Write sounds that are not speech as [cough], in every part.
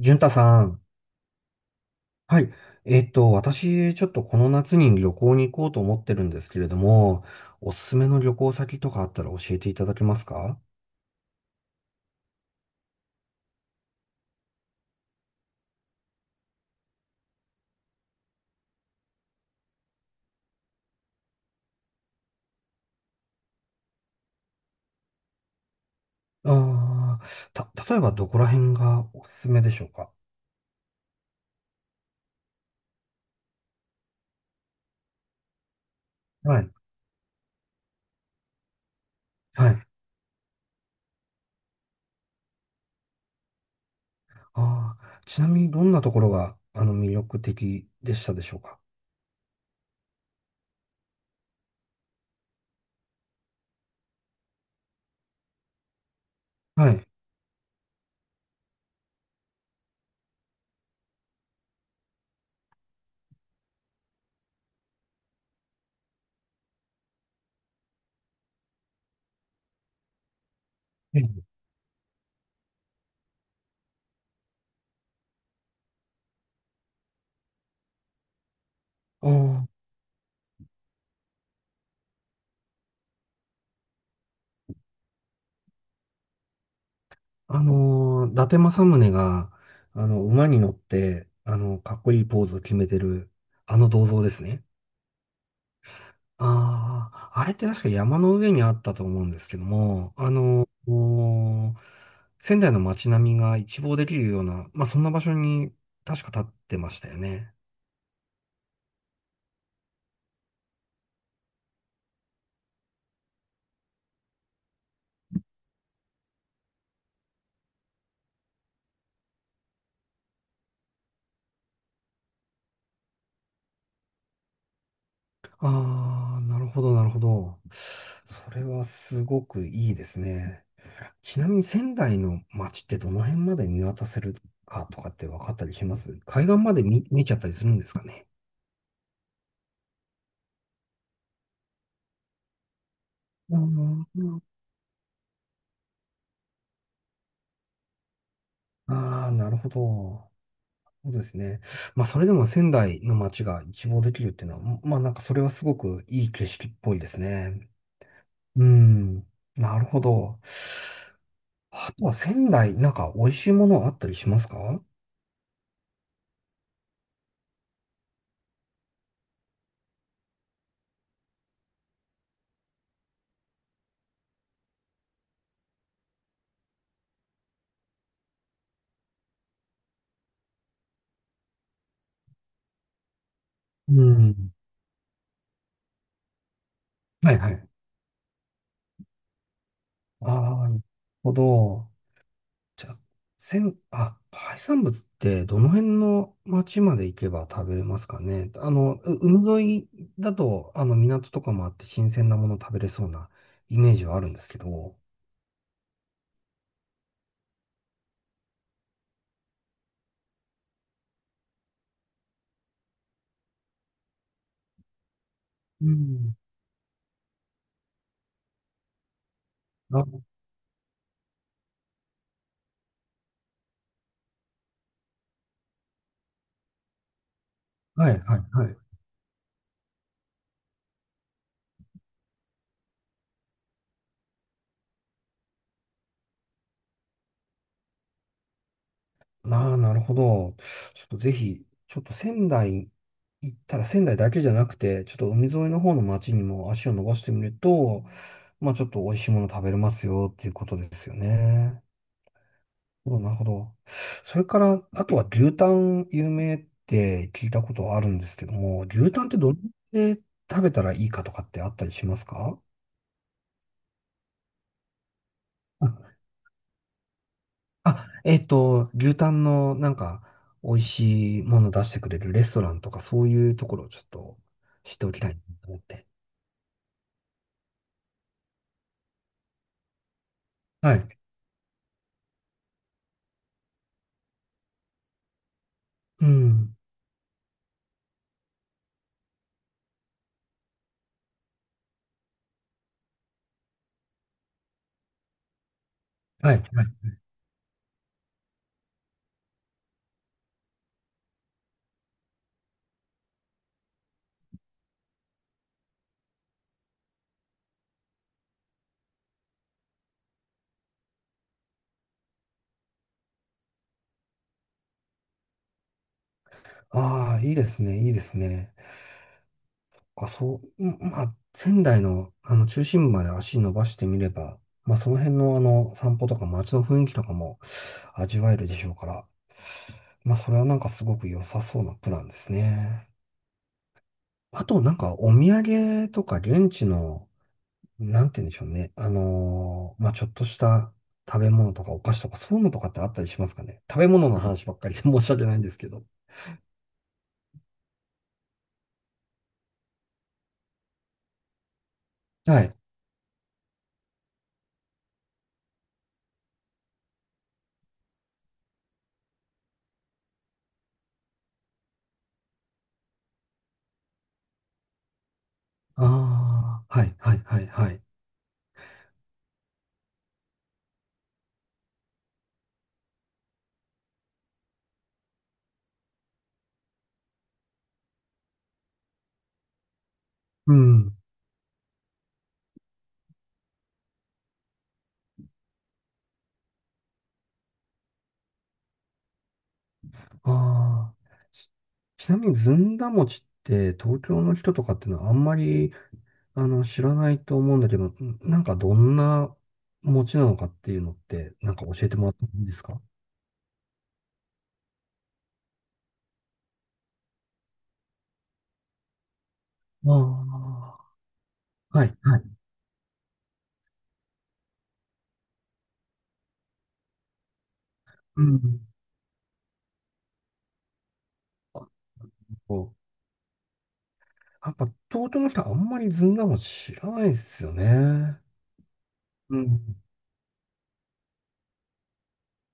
潤太さん。はい。私、ちょっとこの夏に旅行に行こうと思ってるんですけれども、おすすめの旅行先とかあったら教えていただけますか？ああー、例えばどこら辺がおすすめでしょうか？はい。はい。ああ、ちなみにどんなところが、魅力的でしたでしょうか？はい。ええ。あー。伊達政宗が、馬に乗って、かっこいいポーズを決めてる、あの銅像ですね。ああ、あれって確か山の上にあったと思うんですけども、仙台の街並みが一望できるような、まあ、そんな場所に確か立ってましたよね。ああ、なるほど、なるほど。それはすごくいいですね。ちなみに仙台の街ってどの辺まで見渡せるかとかって分かったりします？海岸まで見えちゃったりするんですかね。うん、ああ、なるほど。そうですね。まあ、それでも仙台の街が一望できるっていうのは、まあ、なんかそれはすごくいい景色っぽいですね。うん。なるほど。あとは仙台、なんか美味しいものあったりしますか？うん。はいはい。ああ、なるほど。じゃあ、海産物ってどの辺の町まで行けば食べれますかね。海沿いだと、あの、港とかもあって新鮮なもの食べれそうなイメージはあるんですけど。うん。あ、はいはいはい。ああ、なるほど。ちょっとぜひ、ちょっと仙台行ったら仙台だけじゃなくて、ちょっと海沿いの方の町にも足を伸ばしてみると、まあちょっと美味しいもの食べれますよっていうことですよね。お、なるほど。それから、あとは牛タン有名って聞いたことあるんですけども、牛タンってどれで食べたらいいかとかってあったりしますか？あ、牛タンのなんか美味しいもの出してくれるレストランとかそういうところをちょっと知っておきたいなと思って。はい。うん。はい。はい。ああ、いいですね。いいですね。あ、そう、うん、まあ、仙台のあの中心部まで足伸ばしてみれば、まあ、その辺のあの散歩とか街の雰囲気とかも味わえるでしょうから、まあ、それはなんかすごく良さそうなプランですね。あと、なんかお土産とか現地のなんて言うんでしょうね。まあ、ちょっとした食べ物とかお菓子とかそういうのとかってあったりしますかね。食べ物の話ばっかりで [laughs] 申し訳ないんですけど。はい。ああ、はい、はい、はい、はい。うん。ああ。ちちなみにずんだ餅って東京の人とかっていうのはあんまり、知らないと思うんだけど、なんかどんな餅なのかっていうのって、なんか教えてもらってもいいですか？ああー、はい、はい。うん。やっぱ、弟の人はあんまりずんだも知らないですよね。うん。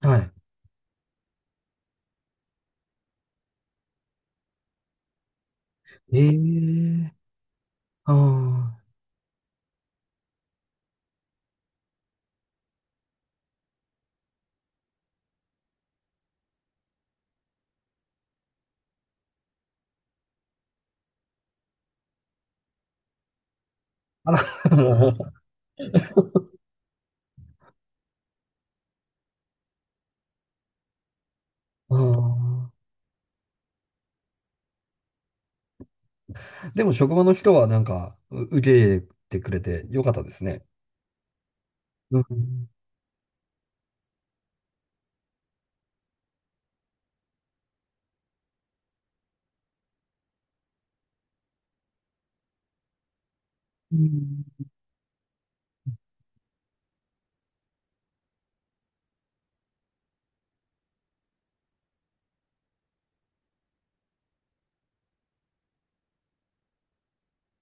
はい。ええ。ああ。あら、[laughs] もう。ああ。でも職場の人はなんか、受け入れてくれてよかったですね。うん。うん。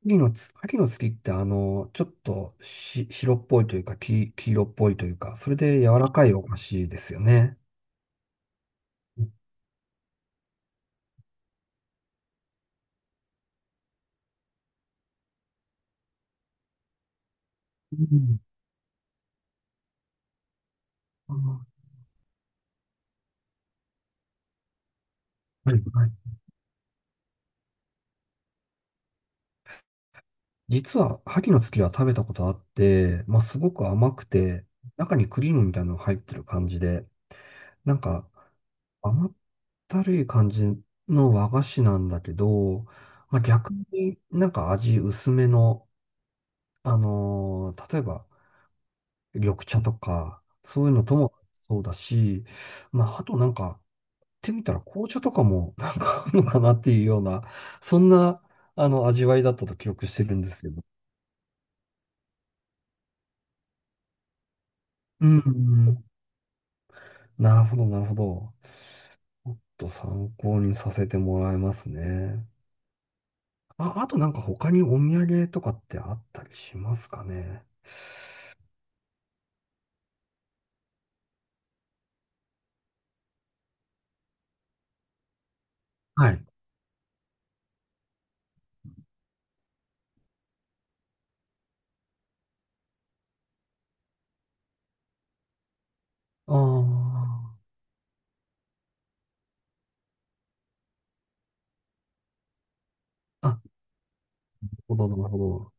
秋の月ってあの、ちょっとし、白っぽいというか、黄色っぽいというか、それで柔らかいお菓子ですよね。うん。ああ、はい。実は、萩の月は食べたことあって、まあ、すごく甘くて、中にクリームみたいなのが入ってる感じで、なんか、甘ったるい感じの和菓子なんだけど、まあ、逆になんか味薄めの、例えば、緑茶とか、そういうのともそうだし、まあ、あとなんか、ってみたら紅茶とかも [laughs] なんかあるのかなっていうような、そんな、味わいだったと記憶してるんですけど。うん。うん。なるほど、なるほど。ちょっと参考にさせてもらいますね。あ、あとなんか他にお土産とかってあったりしますかね。はい。ああ、なるほど、なるほど。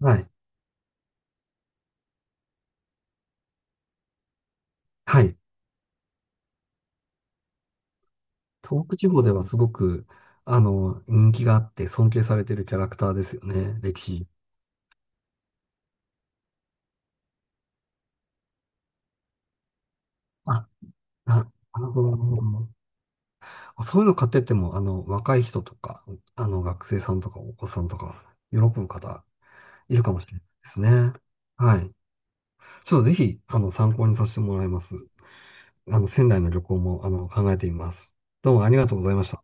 はい。はい。東北地方ではすごく、人気があって尊敬されてるキャラクターですよね。歴史。あ、あ、なるほど、なるほど。あ、そういうの買ってっても、若い人とか、学生さんとかお子さんとか、喜ぶ方いるかもしれないですね。はい。ちょっとぜひ、参考にさせてもらいます。仙台の旅行も、考えてみます。どうもありがとうございました。